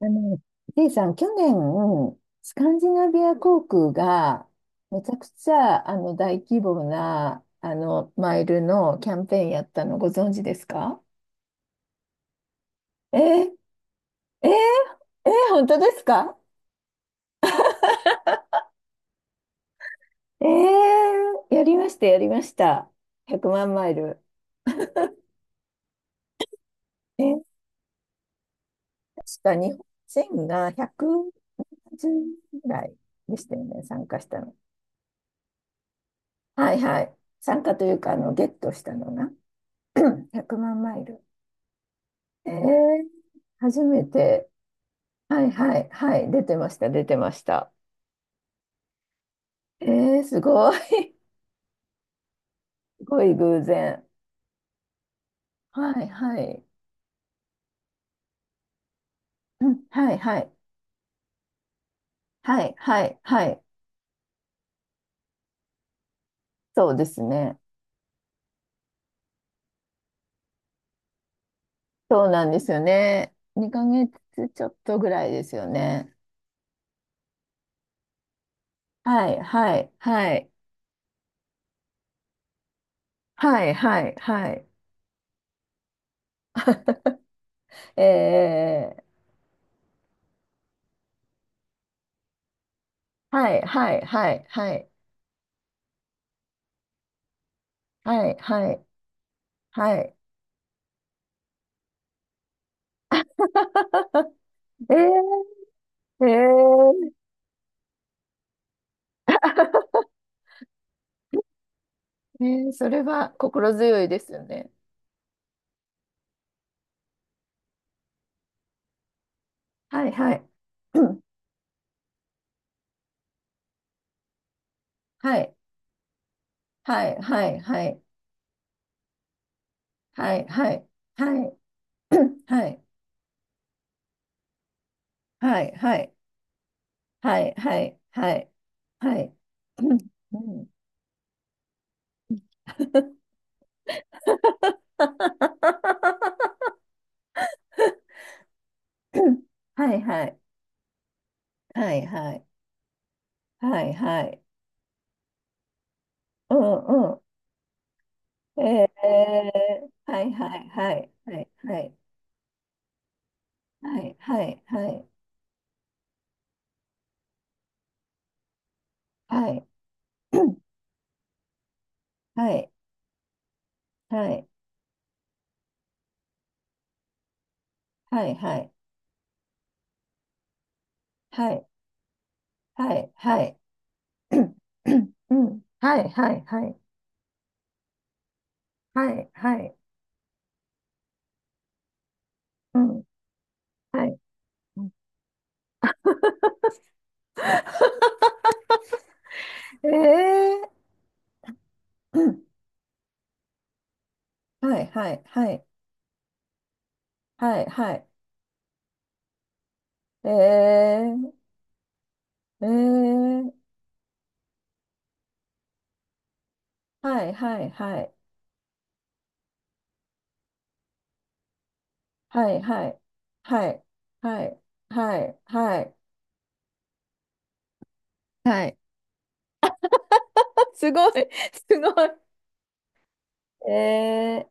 あの、せイさん、去年、スカンジナビア航空が、めちゃくちゃ、大規模な、マイルのキャンペーンやったのご存知ですか？えー、えー、え本当ですか？やりました、やりました。100万マイル。えー、確か日本人が110ぐらいでしたよね、参加したの。はいはい。参加というか、ゲットしたのが 100万マイル。えー初めて、はいはいはい、出てました、出てました。えすごい、すごい偶然。はいはい、うんはいはいはいはいはい、そうですね。そうなんですよね。2ヶ月ちょっとぐらいですよね。はいはいはいはいはいはい。えー、はいはいはいはいはいはいはい。えー、えー、それは心強いですよね。はいはい。うんはいはいはいはいはいはいはいはいはいはいはいはいはいはいうんうんうんはいはいはいはいはいはいうんうんはいはいはいはいはいはいはいはいはいはいはいはいはいはいはいはいはいはいはいはいはいはい、はい、うん、はい。うんええうんはい、はい、はい、はい、はい。ええええはい、はい、はい、はい、はい、はい、はい、はい、はい、はい。すごい、すごい。ええ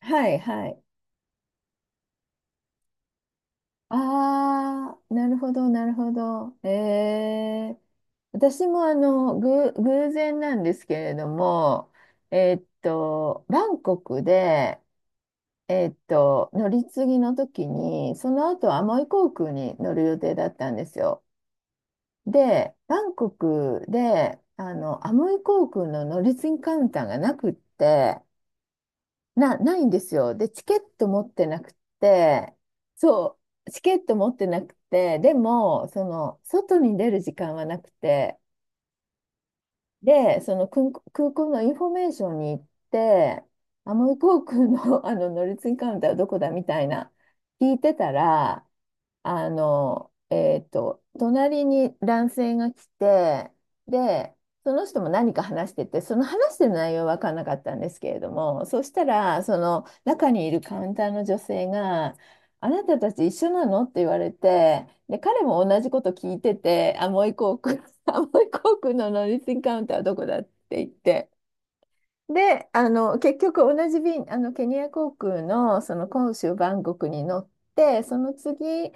はい、はい。ああ、なるほど、なるほど。ええ私も偶然なんですけれども、バンコクで、乗り継ぎの時に、その後アモイ航空に乗る予定だったんですよ。で、バンコクで、アモイ航空の乗り継ぎカウンターがなくって、ないんですよ。で、チケット持ってなくって、そう、チケット持ってなくて、でも、外に出る時間はなくて、で、その空港のインフォメーションに行って、アモイ航空の、あの乗り継ぎカウンターはどこだみたいな聞いてたら、隣に男性が来て、で、その人も何か話してて、その話してる内容は分からなかったんですけれども、そしたら、その中にいるカウンターの女性が、あなたたち一緒なのって言われて、で、彼も同じこと聞いてて、アモイ航空、アモイ航のノリスンカウンターはどこだって言って、で、結局同じ便、ケニア航空のその杭州バンコクに乗って、その次、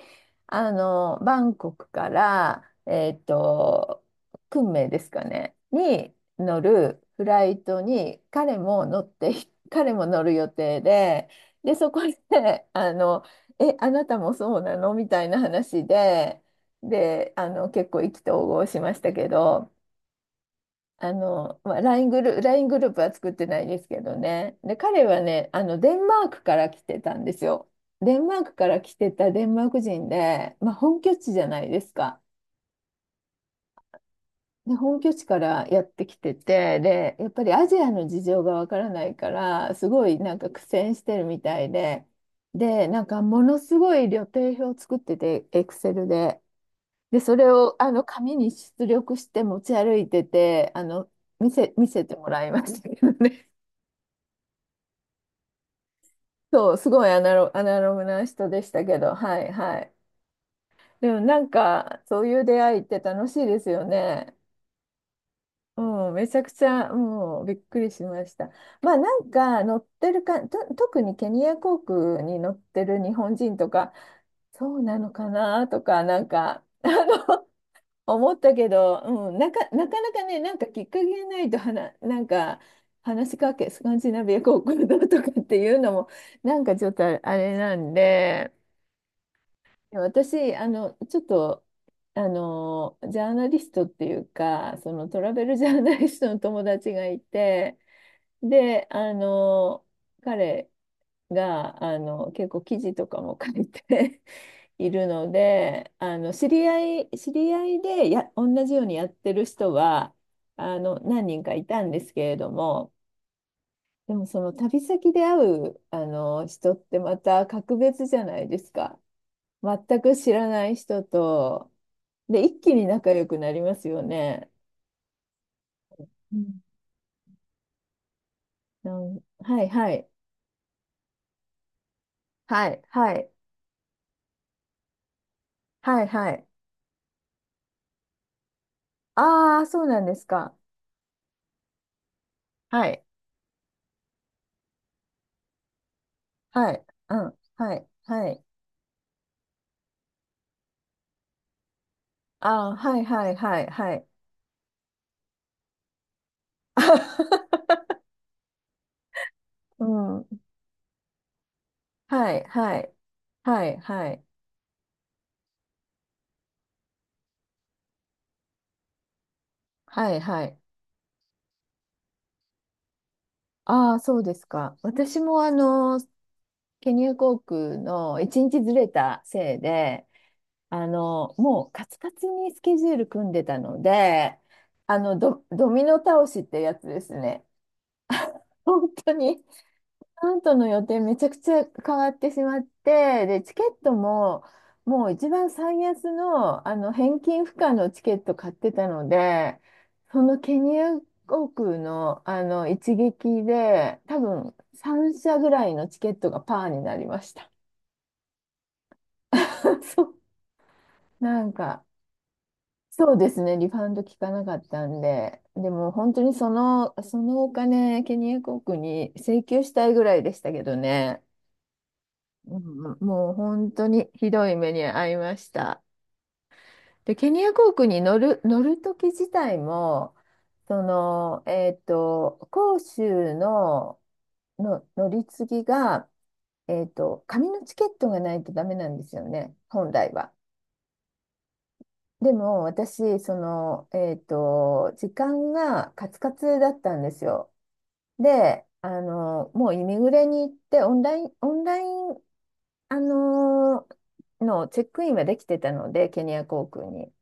バンコクから、昆明ですかね、に乗るフライトに彼も乗って、彼も乗る予定で、で、そこで、あなたもそうなのみたいな話で、で、結構意気投合しましたけど、まあ、LINE グループ、ライングループは作ってないですけどね。で、彼はね、デンマークから来てたんですよ。デンマークから来てたデンマーク人で、まあ、本拠地じゃないですか。で、本拠地からやってきてて、で、やっぱりアジアの事情がわからないから、すごいなんか苦戦してるみたいで、で、なんかものすごい旅程表を作ってて、エクセルで。で、それをあの紙に出力して持ち歩いてて、見せてもらいましたけどね。そう、すごいアナログな人でしたけど、はいはい。でもなんか、そういう出会いって楽しいですよね。うん、めちゃくちゃ、もうびっくりしました。まあなんか、乗ってるか、と、特にケニア航空に乗ってる日本人とか、そうなのかなとか、なんか、の、思ったけど、うん、なかなかね、なんかきっかけがないとはな、なんか、話しかけ、スカンジナビア航空だとかっていうのも、なんかちょっとあれなんで、私、あの、ちょっと、あの、ジャーナリストっていうか、そのトラベルジャーナリストの友達がいて、で、彼が、結構記事とかも書いて いるので、あの、知り合い、知り合いでや、同じようにやってる人は、何人かいたんですけれども、でもその旅先で会う、人ってまた格別じゃないですか。全く知らない人と、で、一気に仲良くなりますよね。うん。なん、はいはい。はい、はい。はい、はい。ああ、そうなんですか。はい、はい。うん、はい、はい。ああ、はい、はい、はい、はい。うん。はい、はい。はい、はい。はい、はい。ああ、そうですか。私もケニア航空の一日ずれたせいで、もうカツカツにスケジュール組んでたので、ドミノ倒しってやつですね。本当に、カントの予定めちゃくちゃ変わってしまって、で、チケットも、もう一番最安の、返金不可のチケット買ってたので、そのケニア航空の、一撃で、多分3社ぐらいのチケットがパーになりました。そう、なんか、そうですね、リファウンド効かなかったんで、でも本当にそのお金、ケニア国に請求したいぐらいでしたけどね、うんうん、もう本当にひどい目に遭いました。で、ケニア航空に乗る時自体も、杭州の、乗り継ぎが、紙のチケットがないとダメなんですよね、本来は。でも私、時間がカツカツだったんですよ。で、もうイミグレに行って、オンライン、あの、のチェックインはできてたので、ケニア航空に。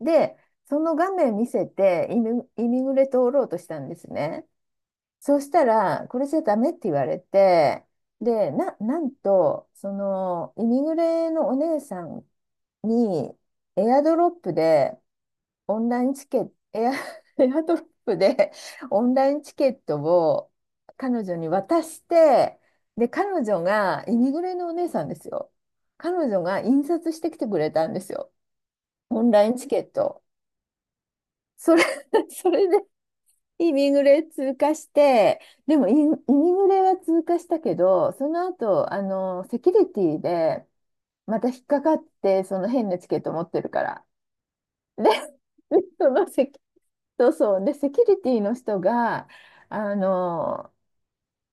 で、その画面見せて、イミグレ通ろうとしたんですね。そうしたら、これじゃダメって言われて、で、なんと、イミグレのお姉さんに、エアドロップで、オンラインチケット、エア、エアドロップでオンラインチケットを彼女に渡して、で、彼女が、イミグレのお姉さんですよ。彼女が印刷してきてくれたんですよ。オンラインチケット。それ、それでイミグレ通過して、でもイミグレは通過したけど、その後、セキュリティでまた引っかかって、その変なチケット持ってるから。で、そのセキそうそう。で、セキュリティの人が、あの、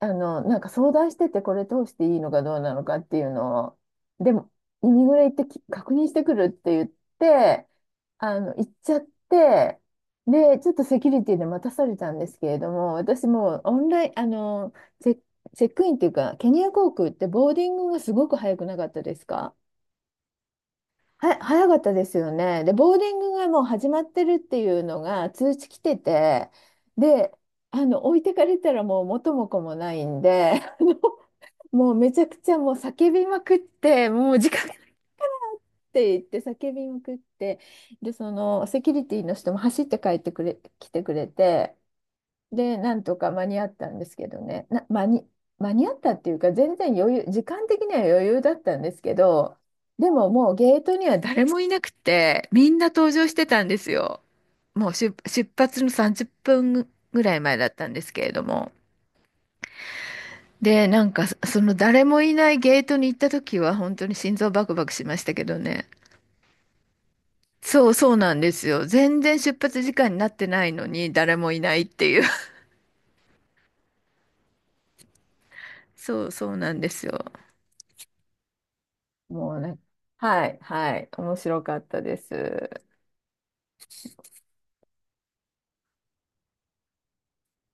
なんか相談してて、これ通していいのかどうなのかっていうのを、でも、イミグレ行ってき確認してくるって言って、行っちゃって、で、ちょっとセキュリティで待たされたんですけれども、私もうオンライン、あの、チェ、チェックインっていうか、ケニア航空ってボーディングがすごく早くなかったですか？早かったですよね。で、ボーディングがもう始まってるっていうのが通知来てて、で、置いてかれたらもう元も子もないんで、もうめちゃくちゃもう叫びまくって、もう時間がって言って叫びまくって、で、そのセキュリティの人も走って帰ってくれ、来てくれて、で、なんとか間に合ったんですけどね、な、間に、間に合ったっていうか、全然余裕、時間的には余裕だったんですけど、でももうゲートには誰もいなくて、みんな登場してたんですよ。もう出、出発の30分ぐらい前だったんですけれども。で、なんか、その誰もいないゲートに行った時は、本当に心臓バクバクしましたけどね。そうそうなんですよ。全然出発時間になってないのに、誰もいないっていう。そうそうなんですよ。もうね、はい、はい、面白かったです。